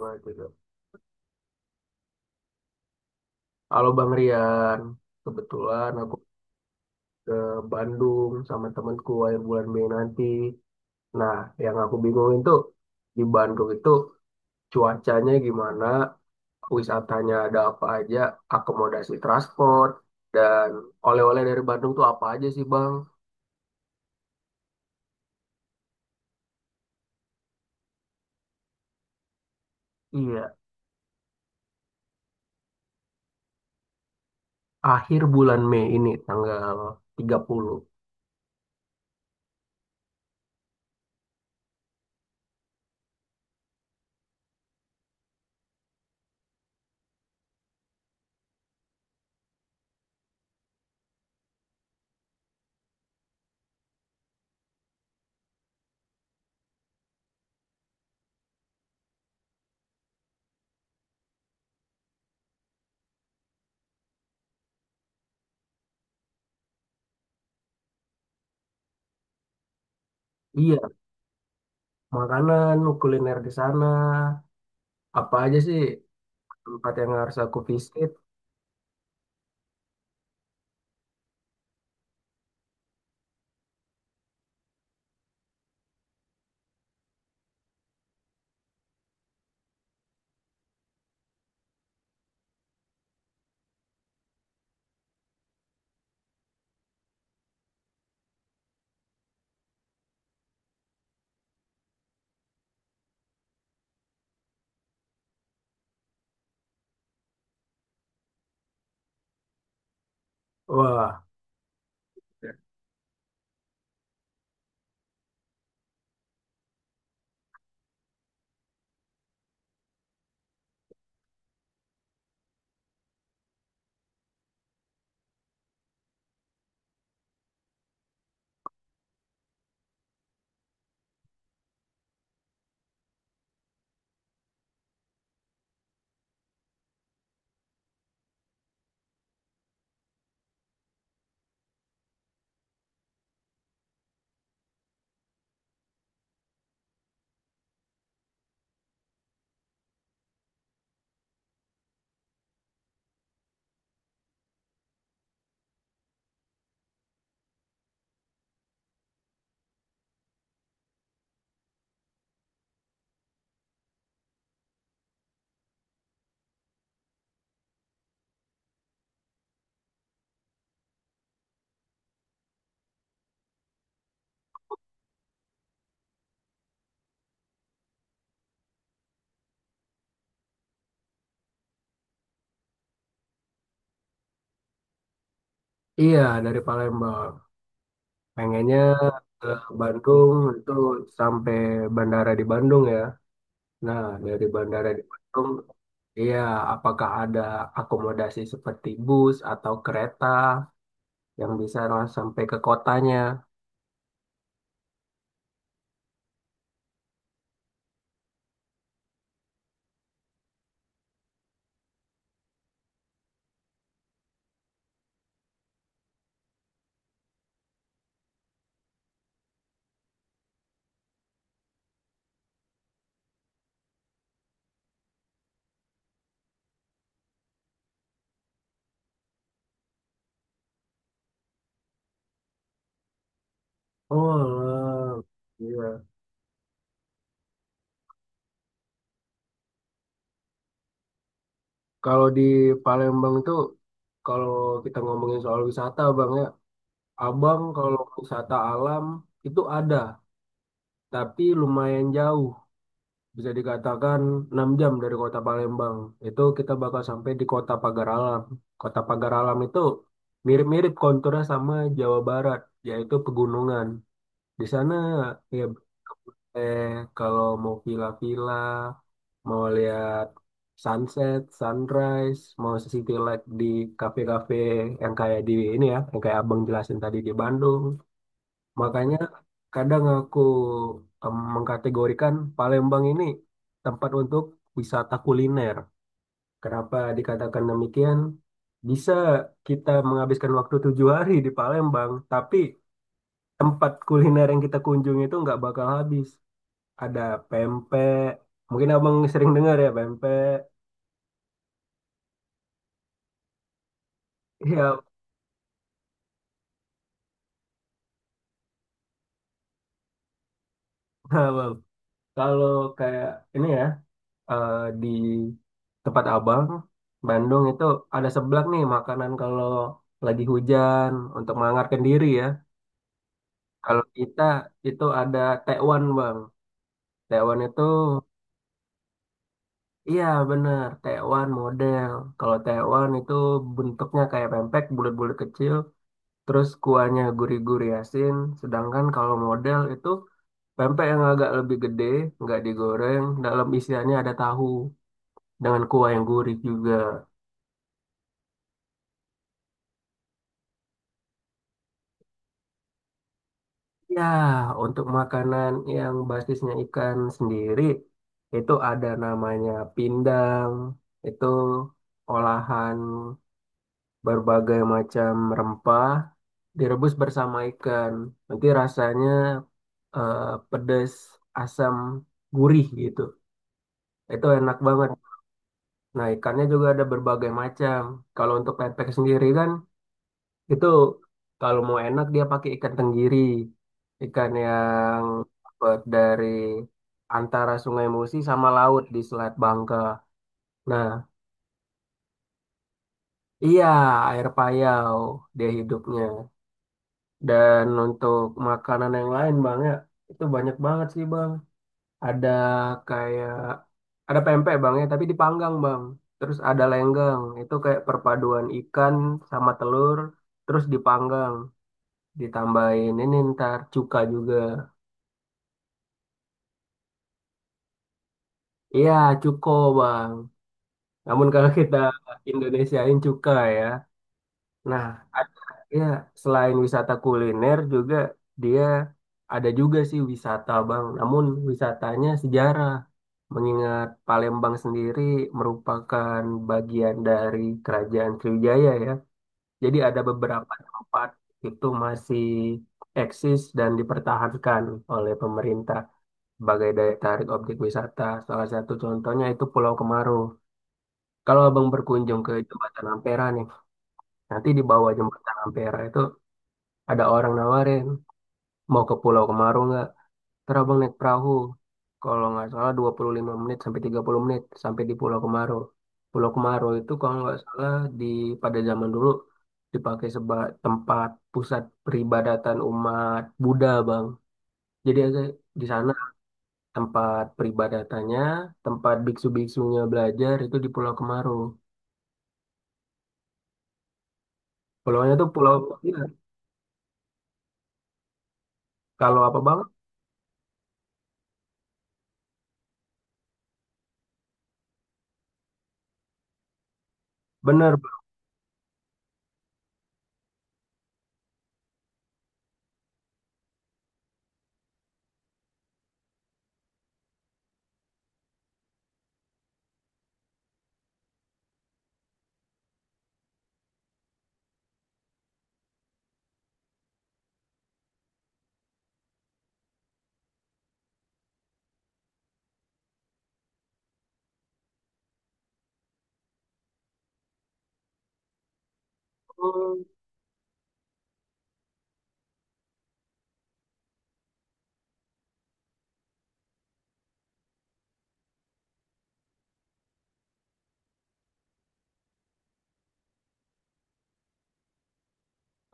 Nah, gitu. Halo Bang Rian, kebetulan aku ke Bandung sama temanku akhir bulan Mei nanti. Nah, yang aku bingungin tuh di Bandung itu cuacanya gimana, wisatanya ada apa aja, akomodasi transport, dan oleh-oleh dari Bandung tuh apa aja sih Bang? Iya, akhir bulan Mei ini tanggal 30. Iya, makanan, kuliner di sana, apa aja sih tempat yang harus aku visit? Wah. Iya, dari Palembang. Pengennya ke Bandung itu sampai bandara di Bandung ya. Nah, dari bandara di Bandung, iya, apakah ada akomodasi seperti bus atau kereta yang bisa langsung sampai ke kotanya? Oh, alah. Iya. Kalau di Palembang itu, kalau kita ngomongin soal wisata, Bang ya, Abang kalau wisata alam itu ada, tapi lumayan jauh. Bisa dikatakan 6 jam dari kota Palembang. Itu kita bakal sampai di kota Pagar Alam. Kota Pagar Alam itu mirip-mirip konturnya sama Jawa Barat, yaitu pegunungan. Di sana ya, eh, kalau mau villa-villa, mau lihat sunset, sunrise, mau city light di kafe-kafe yang kayak di ini ya, yang kayak Abang jelasin tadi di Bandung. Makanya kadang aku mengkategorikan Palembang ini tempat untuk wisata kuliner. Kenapa dikatakan demikian? Bisa kita menghabiskan waktu 7 hari di Palembang, tapi tempat kuliner yang kita kunjungi itu nggak bakal habis. Ada pempek, mungkin abang sering dengar ya pempek. Iya, abang. Kalau kayak ini ya. eh, di tempat abang Bandung itu ada seblak nih makanan kalau lagi hujan untuk menghangatkan diri ya. Kalau kita itu ada tekwan bang. Tekwan itu, iya bener, tekwan model. Kalau tekwan itu bentuknya kayak pempek bulat-bulat kecil. Terus kuahnya gurih-gurih asin. Sedangkan kalau model itu pempek yang agak lebih gede, nggak digoreng. Dalam isiannya ada tahu dengan kuah yang gurih juga. Ya, untuk makanan yang basisnya ikan sendiri, itu ada namanya pindang, itu olahan berbagai macam rempah, direbus bersama ikan. Nanti rasanya eh, pedas, asam, gurih gitu. Itu enak banget. Nah, ikannya juga ada berbagai macam. Kalau untuk pepek sendiri kan, itu kalau mau enak dia pakai ikan tenggiri. Ikan yang dapat dari antara Sungai Musi sama laut di Selat Bangka. Nah, iya, air payau dia hidupnya. Dan untuk makanan yang lain Bang ya, itu banyak banget sih Bang. Ada kayak, ada pempek Bang ya, tapi dipanggang Bang. Terus ada lenggang, itu kayak perpaduan ikan sama telur, terus dipanggang, ditambahin ini ntar cuka juga. Iya, cuko bang. Namun kalau kita Indonesiain cuka ya. Nah, ada ya, selain wisata kuliner juga dia ada juga sih wisata bang. Namun wisatanya sejarah. Mengingat Palembang sendiri merupakan bagian dari Kerajaan Sriwijaya ya. Jadi ada beberapa tempat itu masih eksis dan dipertahankan oleh pemerintah sebagai daya tarik objek wisata. Salah satu contohnya itu Pulau Kemaru. Kalau abang berkunjung ke Jembatan Ampera nih, nanti di bawah Jembatan Ampera itu ada orang nawarin, mau ke Pulau Kemaru nggak? Terabang naik perahu, kalau nggak salah 25 menit sampai 30 menit sampai di Pulau Kemaro. Pulau Kemaro itu kalau nggak salah di pada zaman dulu dipakai sebagai tempat pusat peribadatan umat Buddha, Bang. Jadi ada di sana tempat peribadatannya, tempat biksu-biksunya belajar itu di Pulau Kemaro. Pulaunya tuh pulau, iya, kalau apa Bang? Bener, Bang.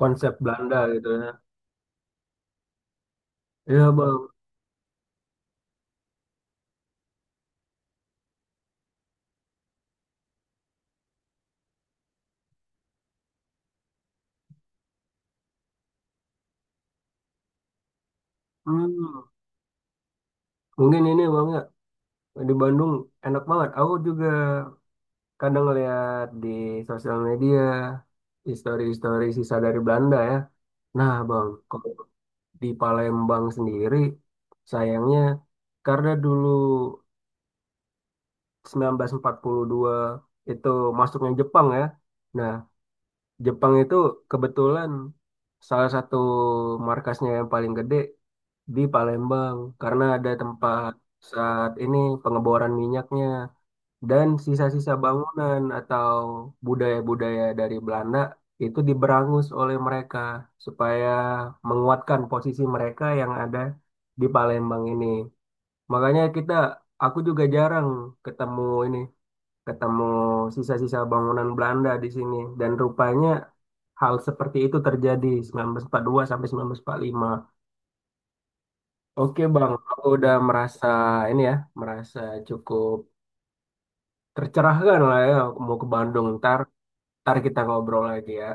Konsep Belanda gitu ya. Iya, Bang. Hmm, mungkin ini Bang ya. Di Bandung enak banget. Aku juga kadang ngeliat di sosial media histori-histori sisa dari Belanda ya. Nah, Bang, kalau di Palembang sendiri sayangnya karena dulu 1942 itu masuknya Jepang ya. Nah, Jepang itu kebetulan salah satu markasnya yang paling gede di Palembang karena ada tempat saat ini pengeboran minyaknya. Dan sisa-sisa bangunan atau budaya-budaya dari Belanda itu diberangus oleh mereka supaya menguatkan posisi mereka yang ada di Palembang ini. Makanya kita, aku juga jarang ketemu ini, ketemu sisa-sisa bangunan Belanda di sini. Dan rupanya hal seperti itu terjadi 1942 sampai 1945. Oke Bang, aku udah merasa ini ya, merasa cukup tercerahkan lah ya, aku mau ke Bandung ntar. Ntar kita ngobrol lagi ya.